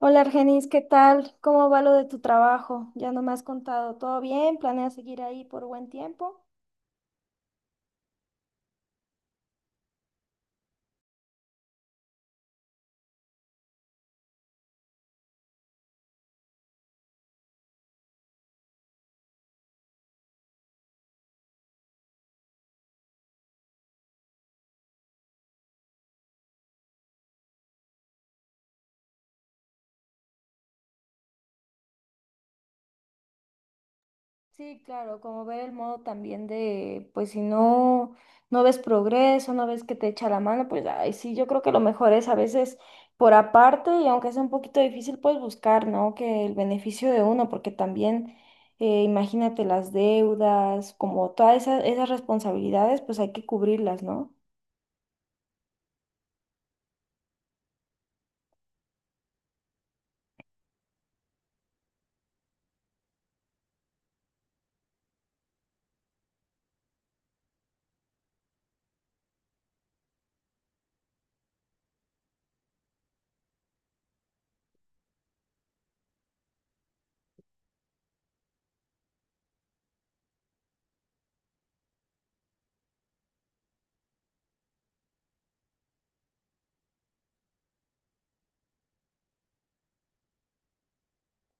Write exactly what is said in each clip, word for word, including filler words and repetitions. Hola Argenis, ¿qué tal? ¿Cómo va lo de tu trabajo? Ya no me has contado. ¿Todo bien? ¿Planeas seguir ahí por buen tiempo? Sí, claro, como ver el modo también de, pues si no, no ves progreso, no ves que te echa la mano, pues ay, sí, yo creo que lo mejor es a veces por aparte y aunque sea un poquito difícil, pues buscar, ¿no? Que el beneficio de uno, porque también, eh, imagínate las deudas, como todas esas, esas responsabilidades, pues hay que cubrirlas, ¿no?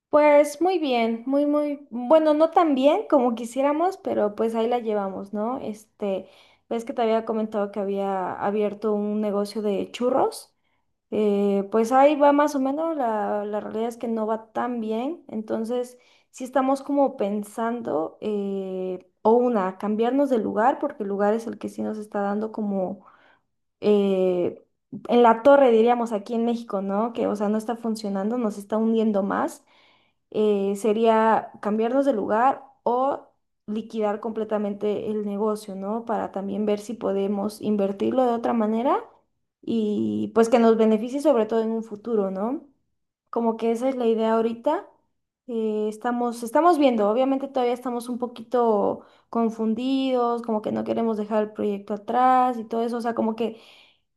Pues muy bien, muy, muy, bueno, no tan bien como quisiéramos, pero pues ahí la llevamos, ¿no? Este, ves que te había comentado que había abierto un negocio de churros, eh, pues ahí va más o menos, la, la realidad es que no va tan bien, entonces sí estamos como pensando, eh, o una, cambiarnos de lugar, porque el lugar es el que sí nos está dando como… eh, en la torre, diríamos aquí en México, ¿no? Que, o sea, no está funcionando, nos está hundiendo más. eh, sería cambiarnos de lugar o liquidar completamente el negocio, ¿no? Para también ver si podemos invertirlo de otra manera y pues que nos beneficie sobre todo en un futuro, ¿no? Como que esa es la idea ahorita. Eh, estamos, estamos viendo, obviamente todavía estamos un poquito confundidos, como que no queremos dejar el proyecto atrás y todo eso, o sea, como que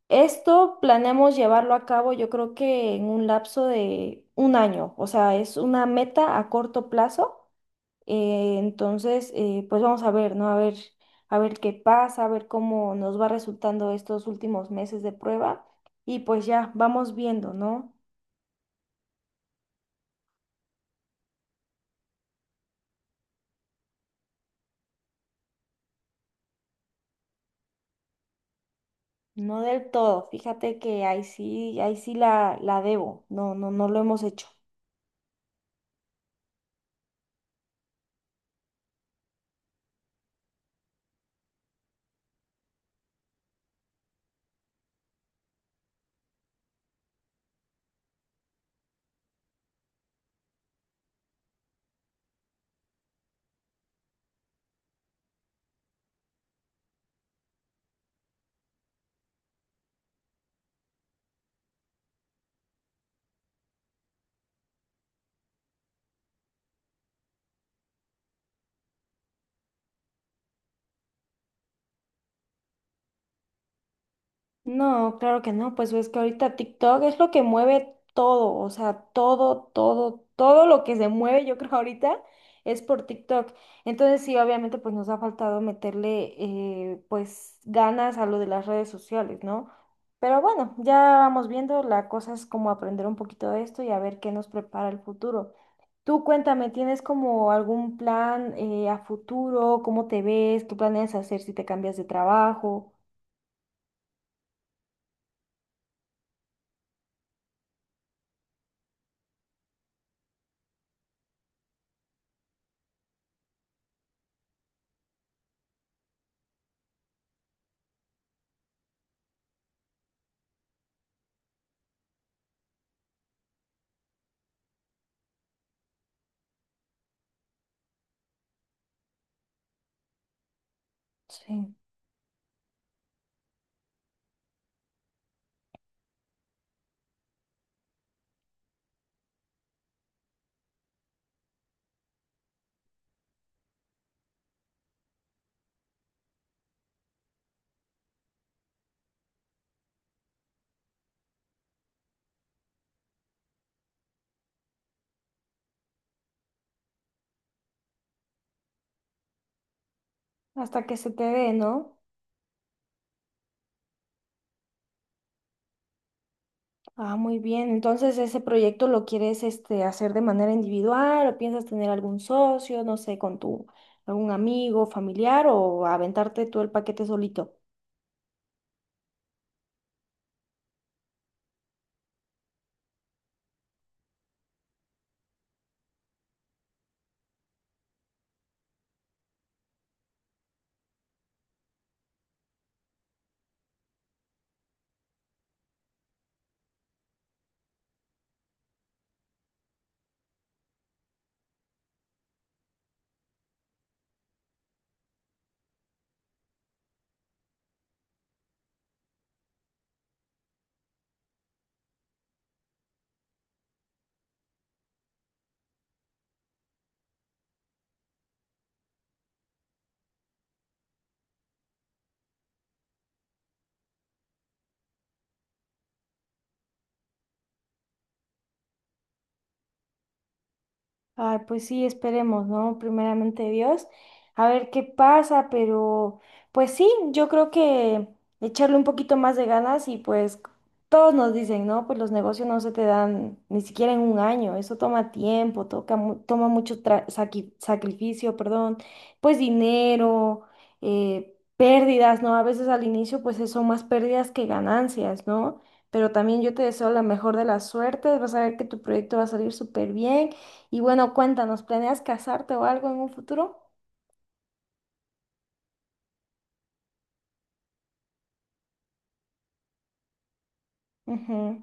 esto planeamos llevarlo a cabo, yo creo que en un lapso de un año, o sea, es una meta a corto plazo. eh, entonces, eh, pues vamos a ver, ¿no? A ver, a ver qué pasa, a ver cómo nos va resultando estos últimos meses de prueba y pues ya vamos viendo, ¿no? No del todo, fíjate que ahí sí, ahí sí la, la debo, no, no, no lo hemos hecho. No, claro que no, pues es que ahorita TikTok es lo que mueve todo, o sea, todo, todo, todo lo que se mueve, yo creo ahorita es por TikTok. Entonces sí, obviamente pues nos ha faltado meterle, eh, pues ganas a lo de las redes sociales, ¿no? Pero bueno, ya vamos viendo, la cosa es como aprender un poquito de esto y a ver qué nos prepara el futuro. Tú cuéntame, ¿tienes como algún plan, eh, a futuro? ¿Cómo te ves? ¿Qué planeas hacer si te cambias de trabajo? Sí. ¿Hasta que se te dé, ¿no? Ah, muy bien. Entonces, ¿ese proyecto lo quieres este, hacer de manera individual o piensas tener algún socio, no sé, con tu algún amigo, familiar o aventarte tú el paquete solito? Ay, pues sí, esperemos, ¿no? Primeramente Dios, a ver qué pasa, pero pues sí, yo creo que echarle un poquito más de ganas y pues todos nos dicen, ¿no? Pues los negocios no se te dan ni siquiera en un año, eso toma tiempo, toca, mu- toma mucho tra- saqui- sacrificio, perdón, pues dinero, eh, pérdidas, ¿no? A veces al inicio pues son más pérdidas que ganancias, ¿no? Pero también yo te deseo la mejor de las suertes, vas a ver que tu proyecto va a salir súper bien. Y bueno, cuéntanos, ¿planeas casarte o algo en un futuro? Ujú.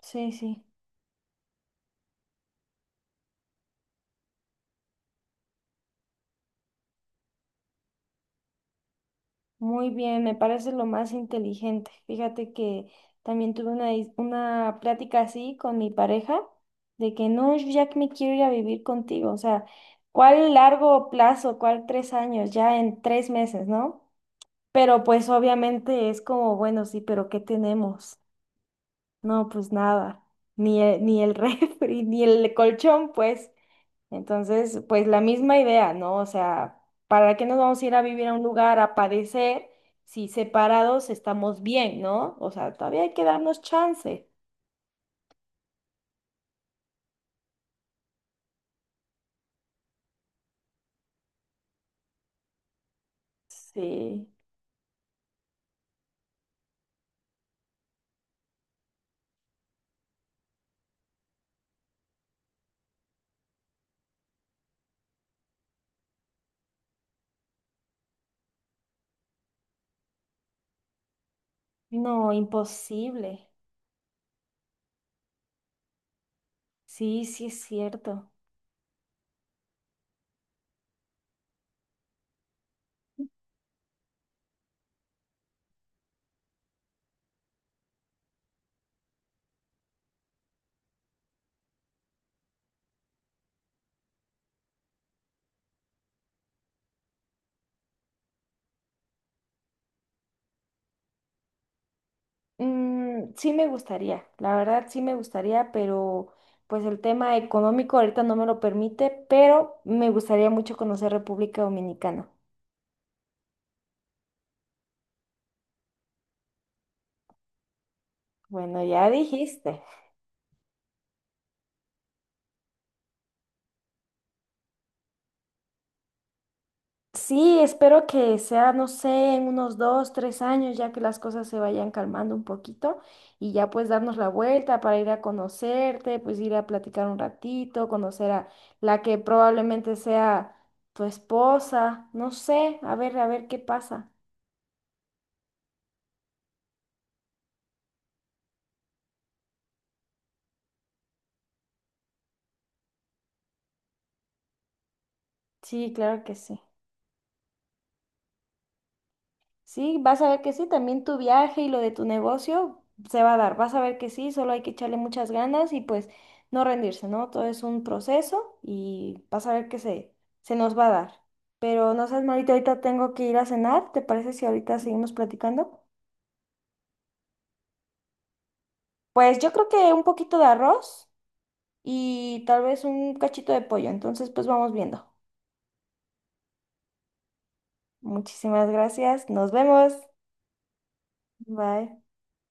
Sí, sí, muy bien, me parece lo más inteligente. Fíjate que también tuve una, dis- una plática así con mi pareja de que no, yo ya que me quiero ir a vivir contigo, o sea, ¿cuál largo plazo? ¿Cuál tres años? Ya en tres meses, ¿no? Pero pues obviamente es como, bueno, sí, pero ¿qué tenemos? No, pues nada, ni el, ni el refri, ni el colchón, pues. Entonces, pues la misma idea, ¿no? O sea, ¿para qué nos vamos a ir a vivir a un lugar a padecer si separados estamos bien, ¿no? O sea, todavía hay que darnos chance. Sí. No, imposible. Sí, sí es cierto. Mm, sí me gustaría, la verdad sí me gustaría, pero pues el tema económico ahorita no me lo permite, pero me gustaría mucho conocer República Dominicana. Bueno, ya dijiste. Sí, espero que sea, no sé, en unos dos, tres años, ya que las cosas se vayan calmando un poquito y ya pues darnos la vuelta para ir a conocerte, pues ir a platicar un ratito, conocer a la que probablemente sea tu esposa, no sé, a ver, a ver qué pasa. Sí, claro que sí. Sí, vas a ver que sí, también tu viaje y lo de tu negocio se va a dar, vas a ver que sí, solo hay que echarle muchas ganas y pues no rendirse, ¿no? Todo es un proceso y vas a ver que se, se nos va a dar. Pero no sabes, Marita, ahorita tengo que ir a cenar, ¿te parece si ahorita seguimos platicando? Pues yo creo que un poquito de arroz y tal vez un cachito de pollo, entonces pues vamos viendo. Muchísimas gracias, nos vemos, bye.